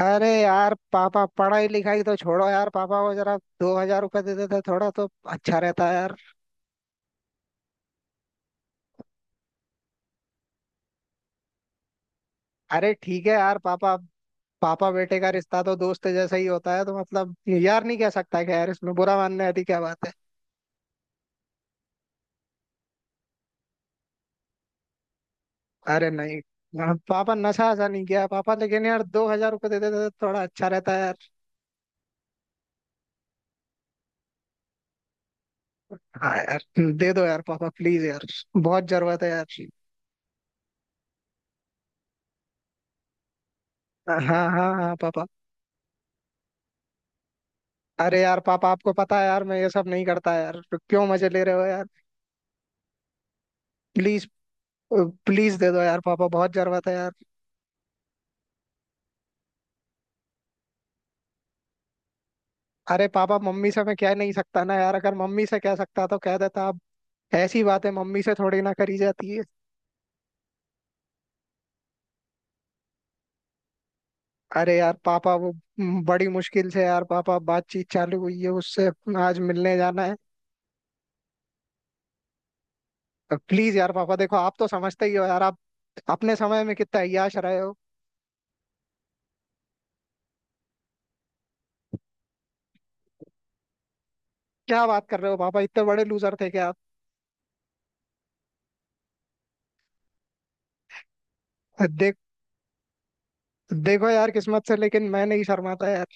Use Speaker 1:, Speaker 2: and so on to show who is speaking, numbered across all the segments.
Speaker 1: अरे यार पापा पढ़ाई लिखाई तो छोड़ो यार। पापा को जरा 2000 रुपये दे देते थोड़ा तो अच्छा रहता है यार। अरे ठीक है यार पापा। पापा बेटे का रिश्ता तो दोस्त जैसा ही होता है तो मतलब यार नहीं कह सकता कि यार इसमें बुरा मानने वाली क्या बात है। अरे नहीं। हाँ, पापा नशा ऐसा नहीं किया पापा, लेकिन यार 2000 रुपये दे देते तो थोड़ा अच्छा रहता है यार। हाँ यार। दे दो यार पापा, प्लीज यार। बहुत जरूरत है यार। हाँ हाँ हाँ पापा। अरे यार पापा आपको पता है यार, मैं ये सब नहीं करता यार तो क्यों मजे ले रहे हो यार। प्लीज। प्लीज दे दो यार पापा, बहुत जरूरत है यार। अरे पापा, मम्मी से मैं कह नहीं सकता ना यार। अगर मम्मी से कह सकता तो कह देता अब। ऐसी बातें मम्मी से थोड़ी ना करी जाती है। अरे यार पापा वो बड़ी मुश्किल से यार पापा बातचीत चालू हुई है उससे। आज मिलने जाना है। प्लीज यार पापा, देखो आप तो समझते ही हो यार। आप अपने समय में कितना अय्याश रहे हो। क्या बात कर रहे हो पापा, इतने बड़े लूजर थे क्या। आप देख देखो यार किस्मत से, लेकिन मैं नहीं शर्माता यार।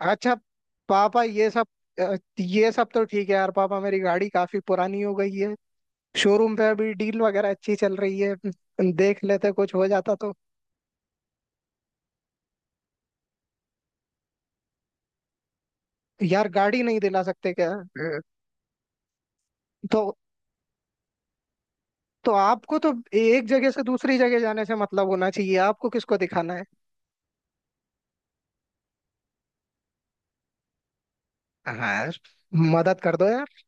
Speaker 1: अच्छा। पापा ये सब। ये सब तो ठीक है यार पापा। मेरी गाड़ी काफी पुरानी हो गई है। शोरूम पे अभी डील वगैरह अच्छी चल रही है। देख लेते कुछ हो जाता तो। यार गाड़ी नहीं दिला सकते क्या। तो आपको तो एक जगह से दूसरी जगह जाने से मतलब होना चाहिए। आपको किसको दिखाना है। हाँ यार, मदद कर दो यार।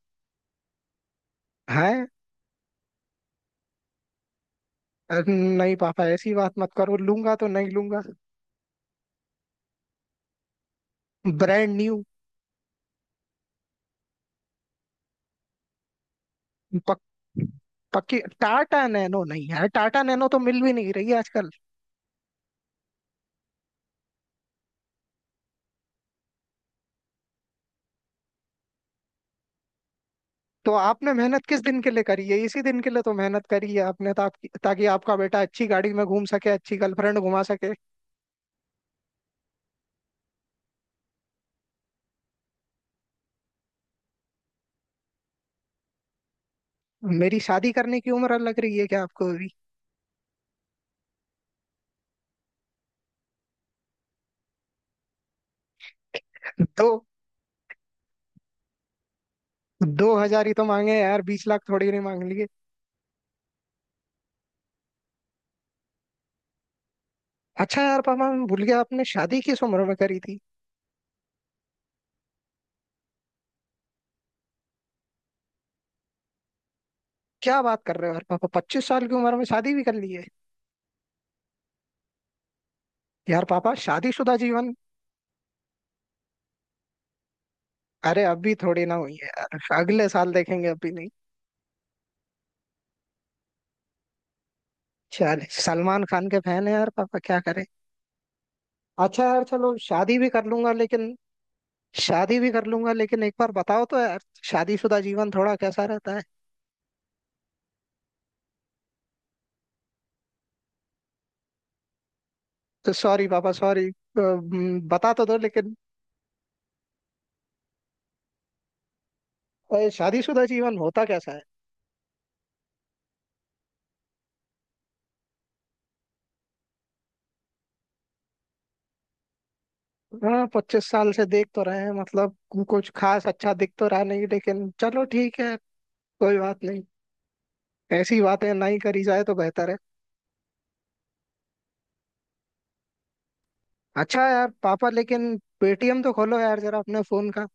Speaker 1: हाँ। नहीं पापा ऐसी बात मत करो। लूंगा तो नहीं लूंगा। Brand new. पक, पक्की टाटा नैनो नहीं यार। टाटा नैनो तो मिल भी नहीं रही है आजकल। तो आपने मेहनत किस दिन के लिए करी है, इसी दिन के लिए तो मेहनत करी है आपने ताकि ताकि आपका बेटा अच्छी गाड़ी में घूम सके, अच्छी गर्लफ्रेंड घुमा सके। मेरी शादी करने की उम्र लग रही है क्या आपको अभी। दो 2000 ही तो मांगे हैं यार, 20 लाख थोड़ी नहीं मांग लिए। अच्छा यार पापा मैं भूल गया आपने शादी किस उम्र में करी थी। क्या बात कर रहे हो यार पापा, 25 साल की उम्र में शादी भी कर ली है। यार पापा शादीशुदा जीवन। अरे अभी थोड़ी ना हुई है यार, अगले साल देखेंगे अभी नहीं। चल सलमान खान के फैन है यार पापा, क्या करें। अच्छा यार चलो शादी भी कर लूंगा लेकिन। शादी भी कर लूंगा लेकिन एक बार बताओ तो यार, शादीशुदा जीवन थोड़ा कैसा रहता है। तो सॉरी पापा, सॉरी। बता तो दो लेकिन। शादीशुदा जीवन होता कैसा है। हाँ 25 साल से देख तो रहे हैं, मतलब कुछ खास अच्छा दिख तो रहा नहीं लेकिन चलो ठीक है। कोई बात नहीं। ऐसी बातें ना ही करी जाए तो बेहतर है। अच्छा यार पापा लेकिन पेटीएम तो खोलो यार जरा अपने फोन का।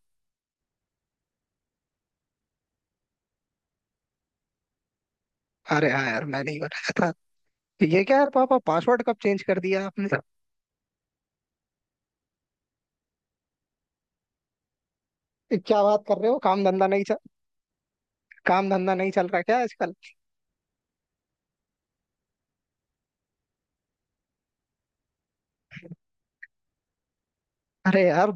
Speaker 1: अरे हाँ यार, मैं नहीं बनाया था। ये क्या यार पापा, पासवर्ड कब चेंज कर दिया आपने। क्या बात कर रहे हो, काम धंधा नहीं। काम धंधा नहीं चल रहा क्या आजकल। अरे यार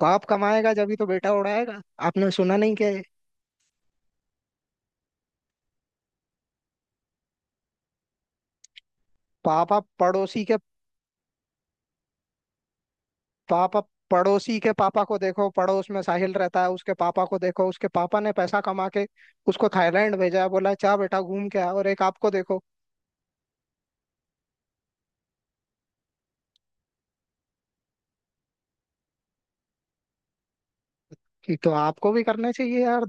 Speaker 1: बाप कमाएगा जब ही तो बेटा उड़ाएगा। आपने सुना नहीं कि। पापा पड़ोसी के पापा पड़ोसी के पापा को देखो, पड़ोस में साहिल रहता है, उसके पापा को देखो। उसके पापा ने पैसा कमा के उसको थाईलैंड भेजा है, बोला जा बेटा घूम के आ। और एक आपको देखो कि, तो आपको भी करना चाहिए यार।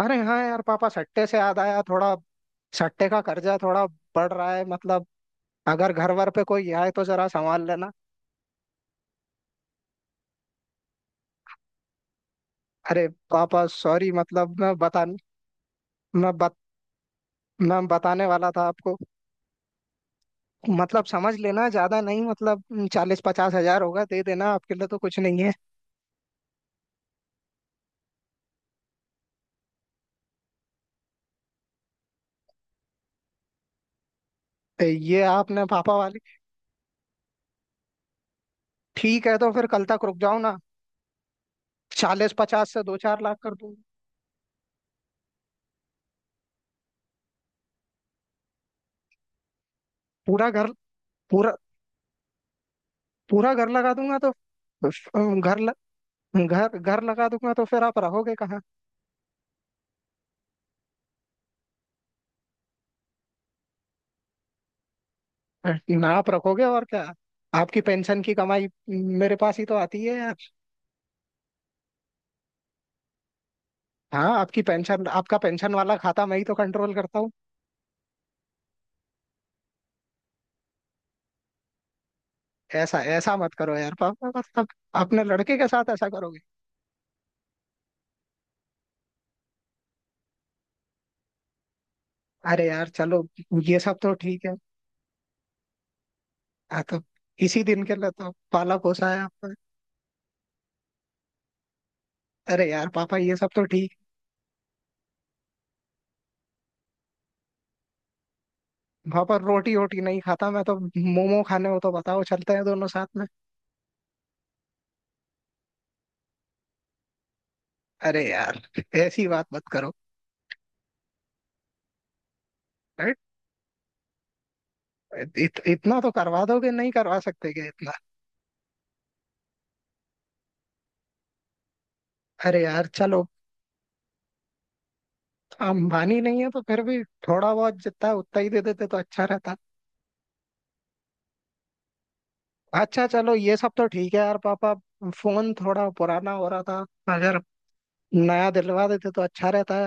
Speaker 1: अरे हाँ यार पापा, सट्टे से याद आया थोड़ा। सट्टे का कर्जा थोड़ा बढ़ रहा है मतलब। अगर घर वर पे कोई आए तो जरा संभाल लेना। अरे पापा सॉरी, मतलब मैं बत, मैं बताने वाला था आपको। मतलब समझ लेना, ज्यादा नहीं मतलब 40-50 हजार होगा, दे देना, आपके लिए तो कुछ नहीं है। तो ये आपने पापा वाली। ठीक है तो फिर कल तक रुक जाओ ना, 40-50 से 2-4 लाख कर दूंगा। पूरा घर पूरा पूरा घर लगा दूंगा तो। अम, घर ल, घर घर लगा दूंगा तो फिर आप रहोगे कहाँ। ना आप रखोगे और क्या। आपकी पेंशन की कमाई मेरे पास ही तो आती है यार। हाँ आपकी पेंशन, आपका पेंशन वाला खाता मैं ही तो कंट्रोल करता। ऐसा ऐसा मत करो यार पापा, मतलब अपने लड़के के साथ ऐसा करोगे। अरे यार चलो ये सब तो ठीक है। आ तो इसी दिन के लिए तो पाला पोसा है आपने। अरे यार पापा ये सब तो ठीक। पापा रोटी वोटी नहीं खाता मैं तो, मोमो खाने हो तो बताओ चलते हैं दोनों साथ में। अरे यार ऐसी बात मत करो। राइट। इतना तो करवा दोगे, नहीं करवा सकते क्या इतना। अरे यार चलो। अंबानी नहीं है तो फिर भी थोड़ा बहुत जितना है उतना ही दे देते तो अच्छा रहता। अच्छा चलो ये सब तो ठीक है यार पापा, फोन थोड़ा पुराना हो रहा था। अगर नया दिलवा देते तो अच्छा रहता।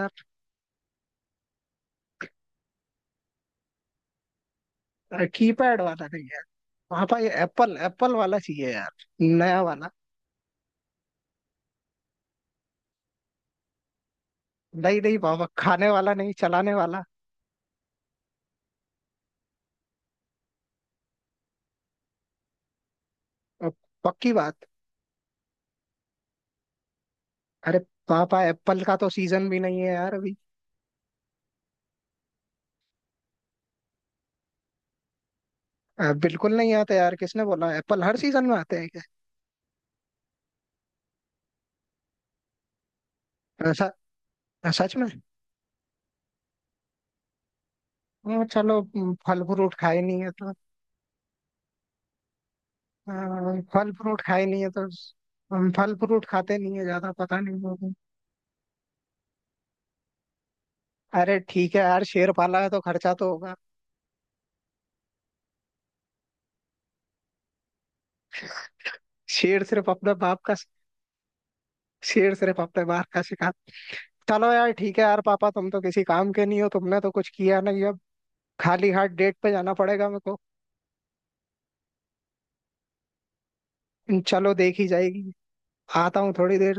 Speaker 1: यार कीपैड वाला नहीं है। पापा ये एप्पल एप्पल वाला चाहिए यार, नया वाला। नहीं नहीं पापा, खाने वाला नहीं चलाने वाला। अब पक्की बात। अरे पापा एप्पल का तो सीजन भी नहीं है यार अभी। बिल्कुल नहीं आता यार, किसने बोला एप्पल हर सीजन में आते हैं क्या। ऐसा। सच में। फल फ्रूट खाए नहीं है तो। हाँ, फल फ्रूट खाए नहीं है तो। हम फल फ्रूट खाते नहीं है ज्यादा पता नहीं होगा। अरे ठीक है यार, शेर पाला है तो खर्चा तो होगा। शेर सिर्फ अपने बाप का शेर सिर्फ अपने बाप का शिकार। चलो यार ठीक है यार पापा, तुम तो किसी काम के नहीं हो, तुमने तो कुछ किया नहीं अब। खाली हाथ डेट पे जाना पड़ेगा मेरे को। चलो देख ही जाएगी। आता हूँ थोड़ी देर।